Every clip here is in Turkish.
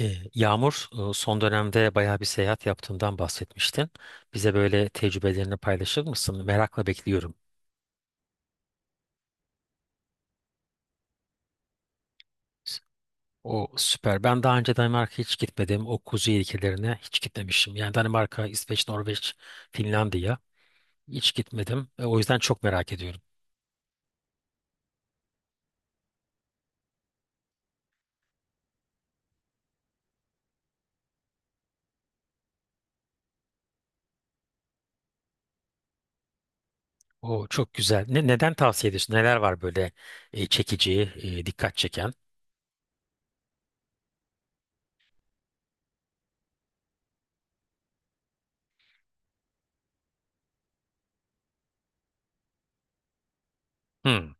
Yağmur, son dönemde bayağı bir seyahat yaptığından bahsetmiştin. Bize böyle tecrübelerini paylaşır mısın? Merakla bekliyorum. O süper. Ben daha önce Danimarka'ya hiç gitmedim. O kuzey ülkelerine hiç gitmemişim. Yani Danimarka, İsveç, Norveç, Finlandiya hiç gitmedim. O yüzden çok merak ediyorum. O çok güzel. Neden tavsiye ediyorsun? Neler var böyle çekici, dikkat çeken? Hmm.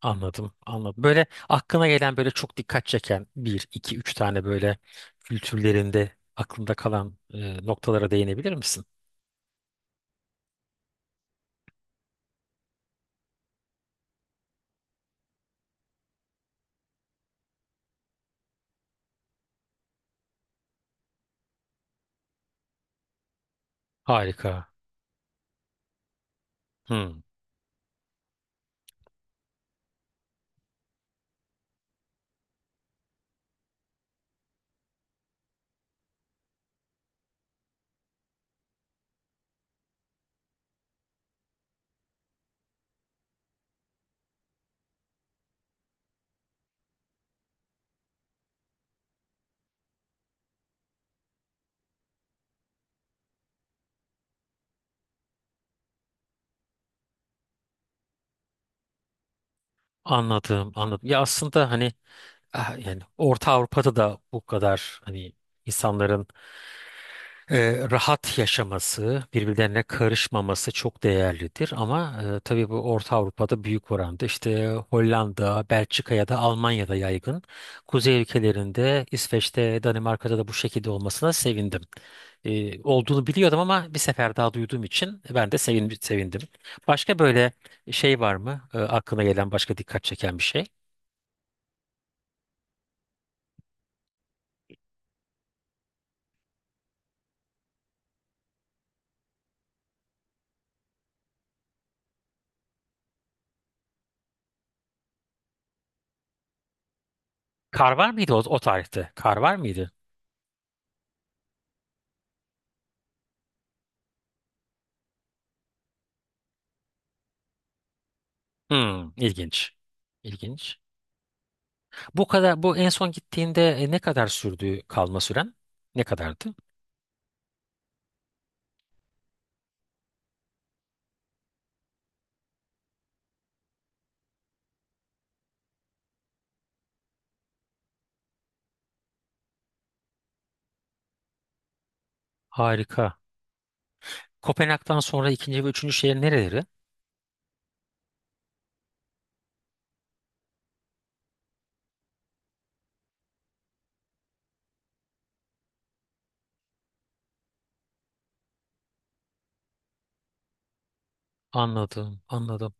Anladım, anladım. Böyle aklına gelen böyle çok dikkat çeken bir, iki, üç tane böyle kültürlerinde aklında kalan noktalara değinebilir misin? Harika. Hmm. Anladım, anladım. Ya aslında hani yani Orta Avrupa'da da bu kadar hani insanların rahat yaşaması, birbirlerine karışmaması çok değerlidir, ama tabii bu Orta Avrupa'da büyük oranda işte Hollanda, Belçika ya da Almanya'da yaygın. Kuzey ülkelerinde, İsveç'te, Danimarka'da da bu şekilde olmasına sevindim. Olduğunu biliyordum ama bir sefer daha duyduğum için ben de sevindim. Başka böyle şey var mı? Aklına gelen başka dikkat çeken bir şey? Kar var mıydı o tarihte? Kar var mıydı? Hmm, ilginç. İlginç. Bu en son gittiğinde ne kadar sürdü kalma süren? Ne kadardı? Harika. Kopenhag'dan sonra ikinci ve üçüncü şehir nereleri? Anladım, anladım.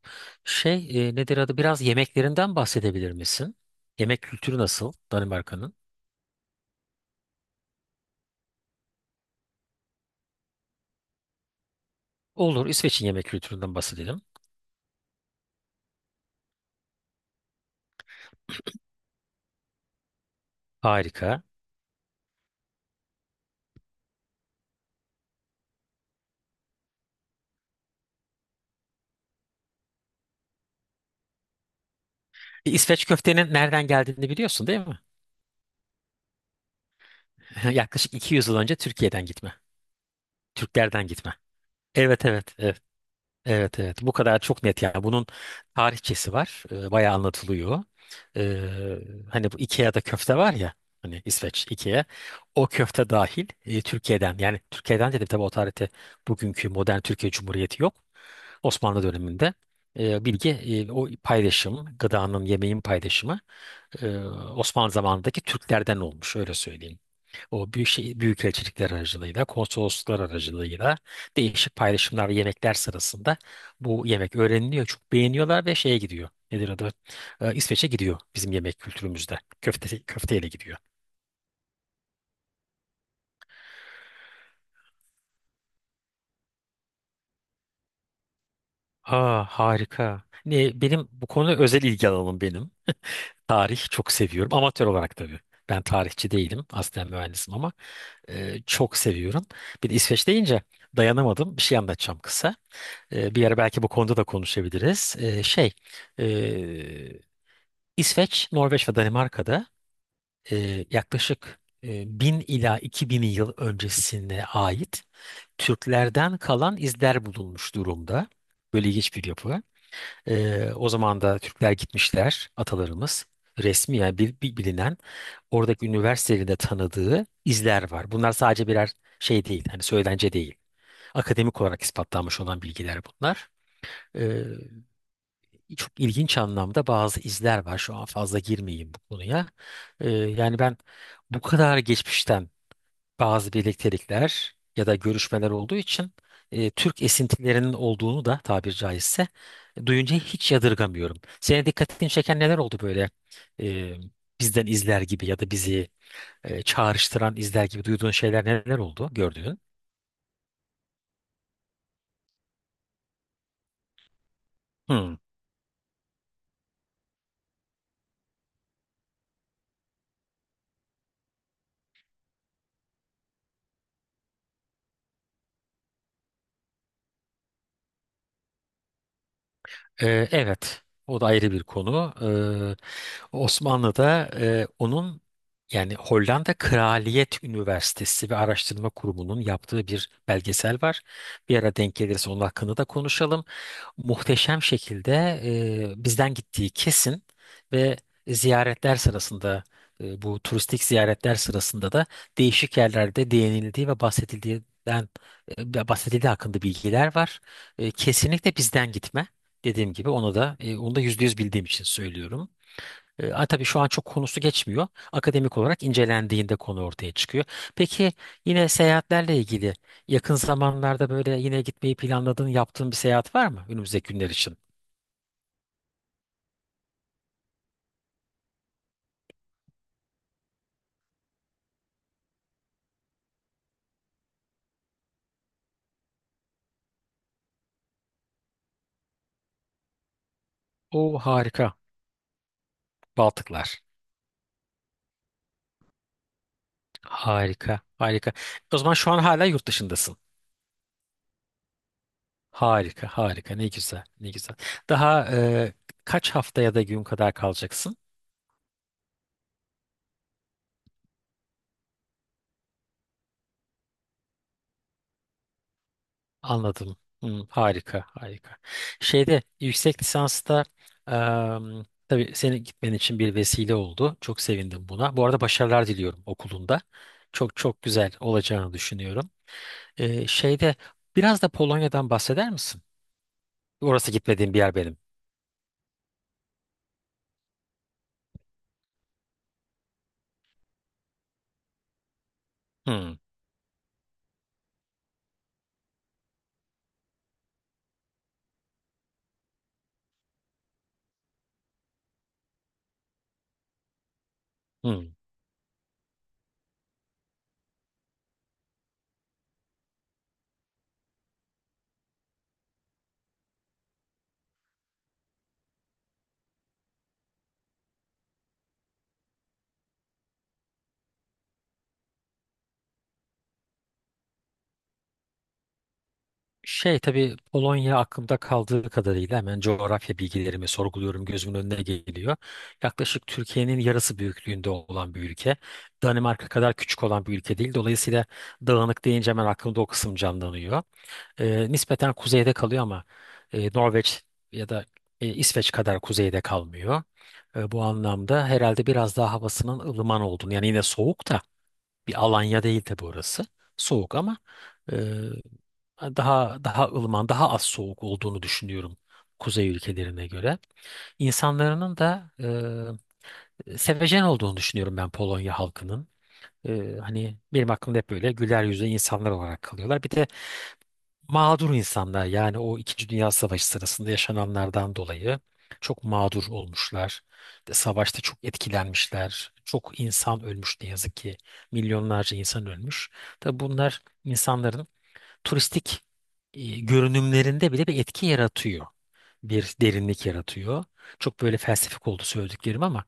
Şey, nedir adı? Biraz yemeklerinden bahsedebilir misin? Yemek kültürü nasıl Danimarka'nın? Olur, İsveç'in yemek kültüründen bahsedelim. Harika. İsveç köftenin nereden geldiğini biliyorsun, değil mi? Yaklaşık 200 yıl önce Türkiye'den gitme. Türklerden gitme. Evet, evet, evet. Evet, evet, bu kadar çok net. Yani bunun tarihçesi var. Bayağı anlatılıyor. Ee, Hani bu Ikea'da köfte var ya, hani İsveç Ikea, o köfte dahil Türkiye'den. Yani Türkiye'den dedim, tabii o tarihte bugünkü modern Türkiye Cumhuriyeti yok, Osmanlı döneminde. O paylaşım, gıdanın yemeğin paylaşımı, e, Osmanlı zamanındaki Türklerden olmuş, öyle söyleyeyim. O büyük şey, büyükelçilikler aracılığıyla, konsolosluklar aracılığıyla, değişik paylaşımlar ve yemekler sırasında bu yemek öğreniliyor. Çok beğeniyorlar ve şeye gidiyor. Nedir adı? İsveç'e gidiyor bizim yemek kültürümüzde. Köfte, köfteyle gidiyor. Aa, harika. Benim bu konu özel ilgi alanım benim. Tarih çok seviyorum. Amatör olarak tabii. Ben tarihçi değilim. Aslen mühendisim ama çok seviyorum. Bir de İsveç deyince dayanamadım. Bir şey anlatacağım kısa. Bir ara belki bu konuda da konuşabiliriz. E, İsveç, Norveç ve Danimarka'da yaklaşık 1000 ila 2000 yıl öncesine ait Türklerden kalan izler bulunmuş durumda. Böyle ilginç bir yapı. O zaman da Türkler gitmişler, atalarımız. Resmi, yani bilinen, oradaki üniversitelerin de tanıdığı izler var. Bunlar sadece birer şey değil, hani söylence değil. Akademik olarak ispatlanmış olan bilgiler bunlar. Çok ilginç anlamda bazı izler var. Şu an fazla girmeyeyim bu konuya. Yani ben bu kadar geçmişten bazı birliktelikler ya da görüşmeler olduğu için, Türk esintilerinin olduğunu da, tabir caizse, duyunca hiç yadırgamıyorum. Senin dikkatini çeken neler oldu böyle, e, bizden izler gibi ya da bizi çağrıştıran izler gibi duyduğun şeyler, neler oldu gördüğün? Evet, o da ayrı bir konu. Osmanlı'da, onun, yani Hollanda Kraliyet Üniversitesi ve Araştırma Kurumu'nun yaptığı bir belgesel var. Bir ara denk gelirse onun hakkında da konuşalım. Muhteşem şekilde, bizden gittiği kesin ve ziyaretler sırasında, bu turistik ziyaretler sırasında da değişik yerlerde değinildiği ve bahsedildiği hakkında bilgiler var. Kesinlikle bizden gitme. Dediğim gibi onu da %100 bildiğim için söylüyorum. Tabii şu an çok konusu geçmiyor. Akademik olarak incelendiğinde konu ortaya çıkıyor. Peki, yine seyahatlerle ilgili, yakın zamanlarda böyle yine gitmeyi planladığın, yaptığın bir seyahat var mı önümüzdeki günler için? O harika. Baltıklar. Harika, harika. O zaman şu an hala yurt dışındasın. Harika, harika. Ne güzel, ne güzel. Daha kaç haftaya da gün kadar kalacaksın? Anladım. Hmm, harika, harika. Şeyde yüksek lisansta, em, tabii senin gitmen için bir vesile oldu. Çok sevindim buna. Bu arada başarılar diliyorum okulunda. Çok çok güzel olacağını düşünüyorum. Şeyde biraz da Polonya'dan bahseder misin? Orası gitmediğim bir yer benim. Hmm, hmm. Şey, tabii Polonya aklımda kaldığı kadarıyla hemen coğrafya bilgilerimi sorguluyorum, gözümün önüne geliyor. Yaklaşık Türkiye'nin yarısı büyüklüğünde olan bir ülke. Danimarka kadar küçük olan bir ülke değil. Dolayısıyla dağınık deyince hemen aklımda o kısım canlanıyor. Nispeten kuzeyde kalıyor ama Norveç ya da İsveç kadar kuzeyde kalmıyor. Bu anlamda herhalde biraz daha havasının ılıman olduğunu, yani yine soğuk da bir Alanya değil tabii orası. Soğuk ama daha daha ılıman, daha az soğuk olduğunu düşünüyorum kuzey ülkelerine göre. İnsanlarının da sevecen olduğunu düşünüyorum ben, Polonya halkının. Hani benim aklımda hep böyle güler yüzlü insanlar olarak kalıyorlar. Bir de mağdur insanlar, yani o İkinci Dünya Savaşı sırasında yaşananlardan dolayı çok mağdur olmuşlar. Savaşta çok etkilenmişler. Çok insan ölmüş, ne yazık ki. Milyonlarca insan ölmüş. Tabii bunlar insanların turistik görünümlerinde bile bir etki yaratıyor. Bir derinlik yaratıyor. Çok böyle felsefik oldu söylediklerim ama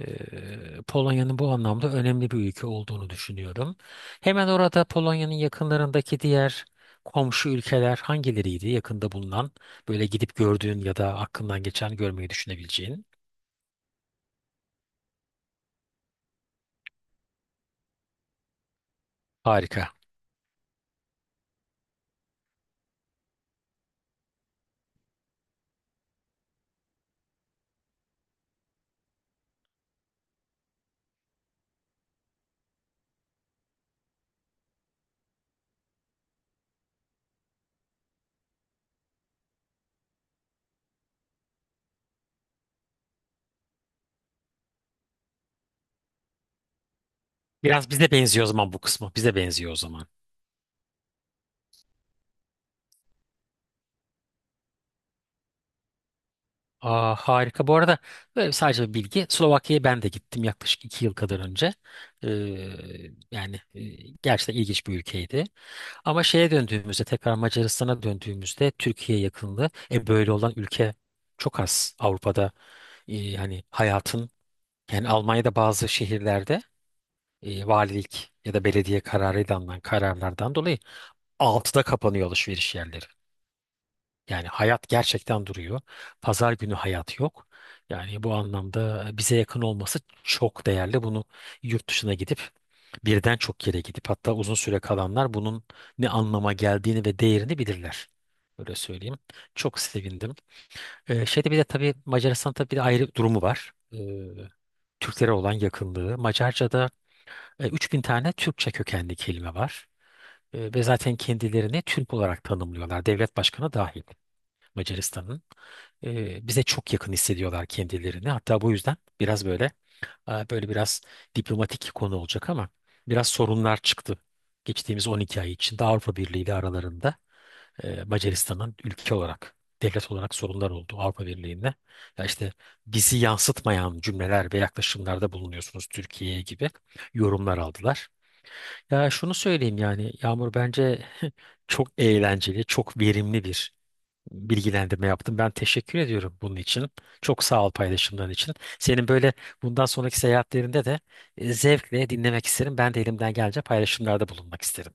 Polonya'nın bu anlamda önemli bir ülke olduğunu düşünüyorum. Hemen orada Polonya'nın yakınlarındaki diğer komşu ülkeler hangileriydi, yakında bulunan, böyle gidip gördüğün ya da aklından geçen görmeyi düşünebileceğin? Harika. Biraz bize benziyor o zaman bu kısmı. Bize benziyor o zaman. Aa, harika. Bu arada böyle sadece bir bilgi. Slovakya'ya ben de gittim yaklaşık 2 yıl kadar önce. Ee, Yani gerçekten ilginç bir ülkeydi. Ama şeye döndüğümüzde, tekrar Macaristan'a döndüğümüzde, Türkiye yakınlığı. Böyle olan ülke çok az Avrupa'da. Hani hayatın, yani Almanya'da bazı şehirlerde valilik ya da belediye kararıyla alınan kararlardan dolayı 6'da kapanıyor alışveriş yerleri. Yani hayat gerçekten duruyor. Pazar günü hayat yok. Yani bu anlamda bize yakın olması çok değerli. Bunu yurt dışına gidip, birden çok yere gidip, hatta uzun süre kalanlar bunun ne anlama geldiğini ve değerini bilirler. Öyle söyleyeyim. Çok sevindim. Şeyde bir de tabii Macaristan'ın tabii bir de ayrı durumu var. Türklere olan yakınlığı. Macarca'da 3000 tane Türkçe kökenli kelime var. Ve zaten kendilerini Türk olarak tanımlıyorlar. Devlet başkanı dahil Macaristan'ın, bize çok yakın hissediyorlar kendilerini. Hatta bu yüzden böyle biraz diplomatik konu olacak ama biraz sorunlar çıktı. Geçtiğimiz 12 ay içinde Avrupa Birliği ile aralarında, Macaristan'ın ülke olarak, devlet olarak sorunlar oldu Avrupa Birliği'nde. Ya işte, "bizi yansıtmayan cümleler ve yaklaşımlarda bulunuyorsunuz Türkiye'ye" gibi yorumlar aldılar. Ya şunu söyleyeyim, yani Yağmur, bence çok eğlenceli, çok verimli bir bilgilendirme yaptım. Ben teşekkür ediyorum bunun için. Çok sağ ol paylaşımların için. Senin böyle bundan sonraki seyahatlerinde de zevkle dinlemek isterim. Ben de elimden gelince paylaşımlarda bulunmak isterim.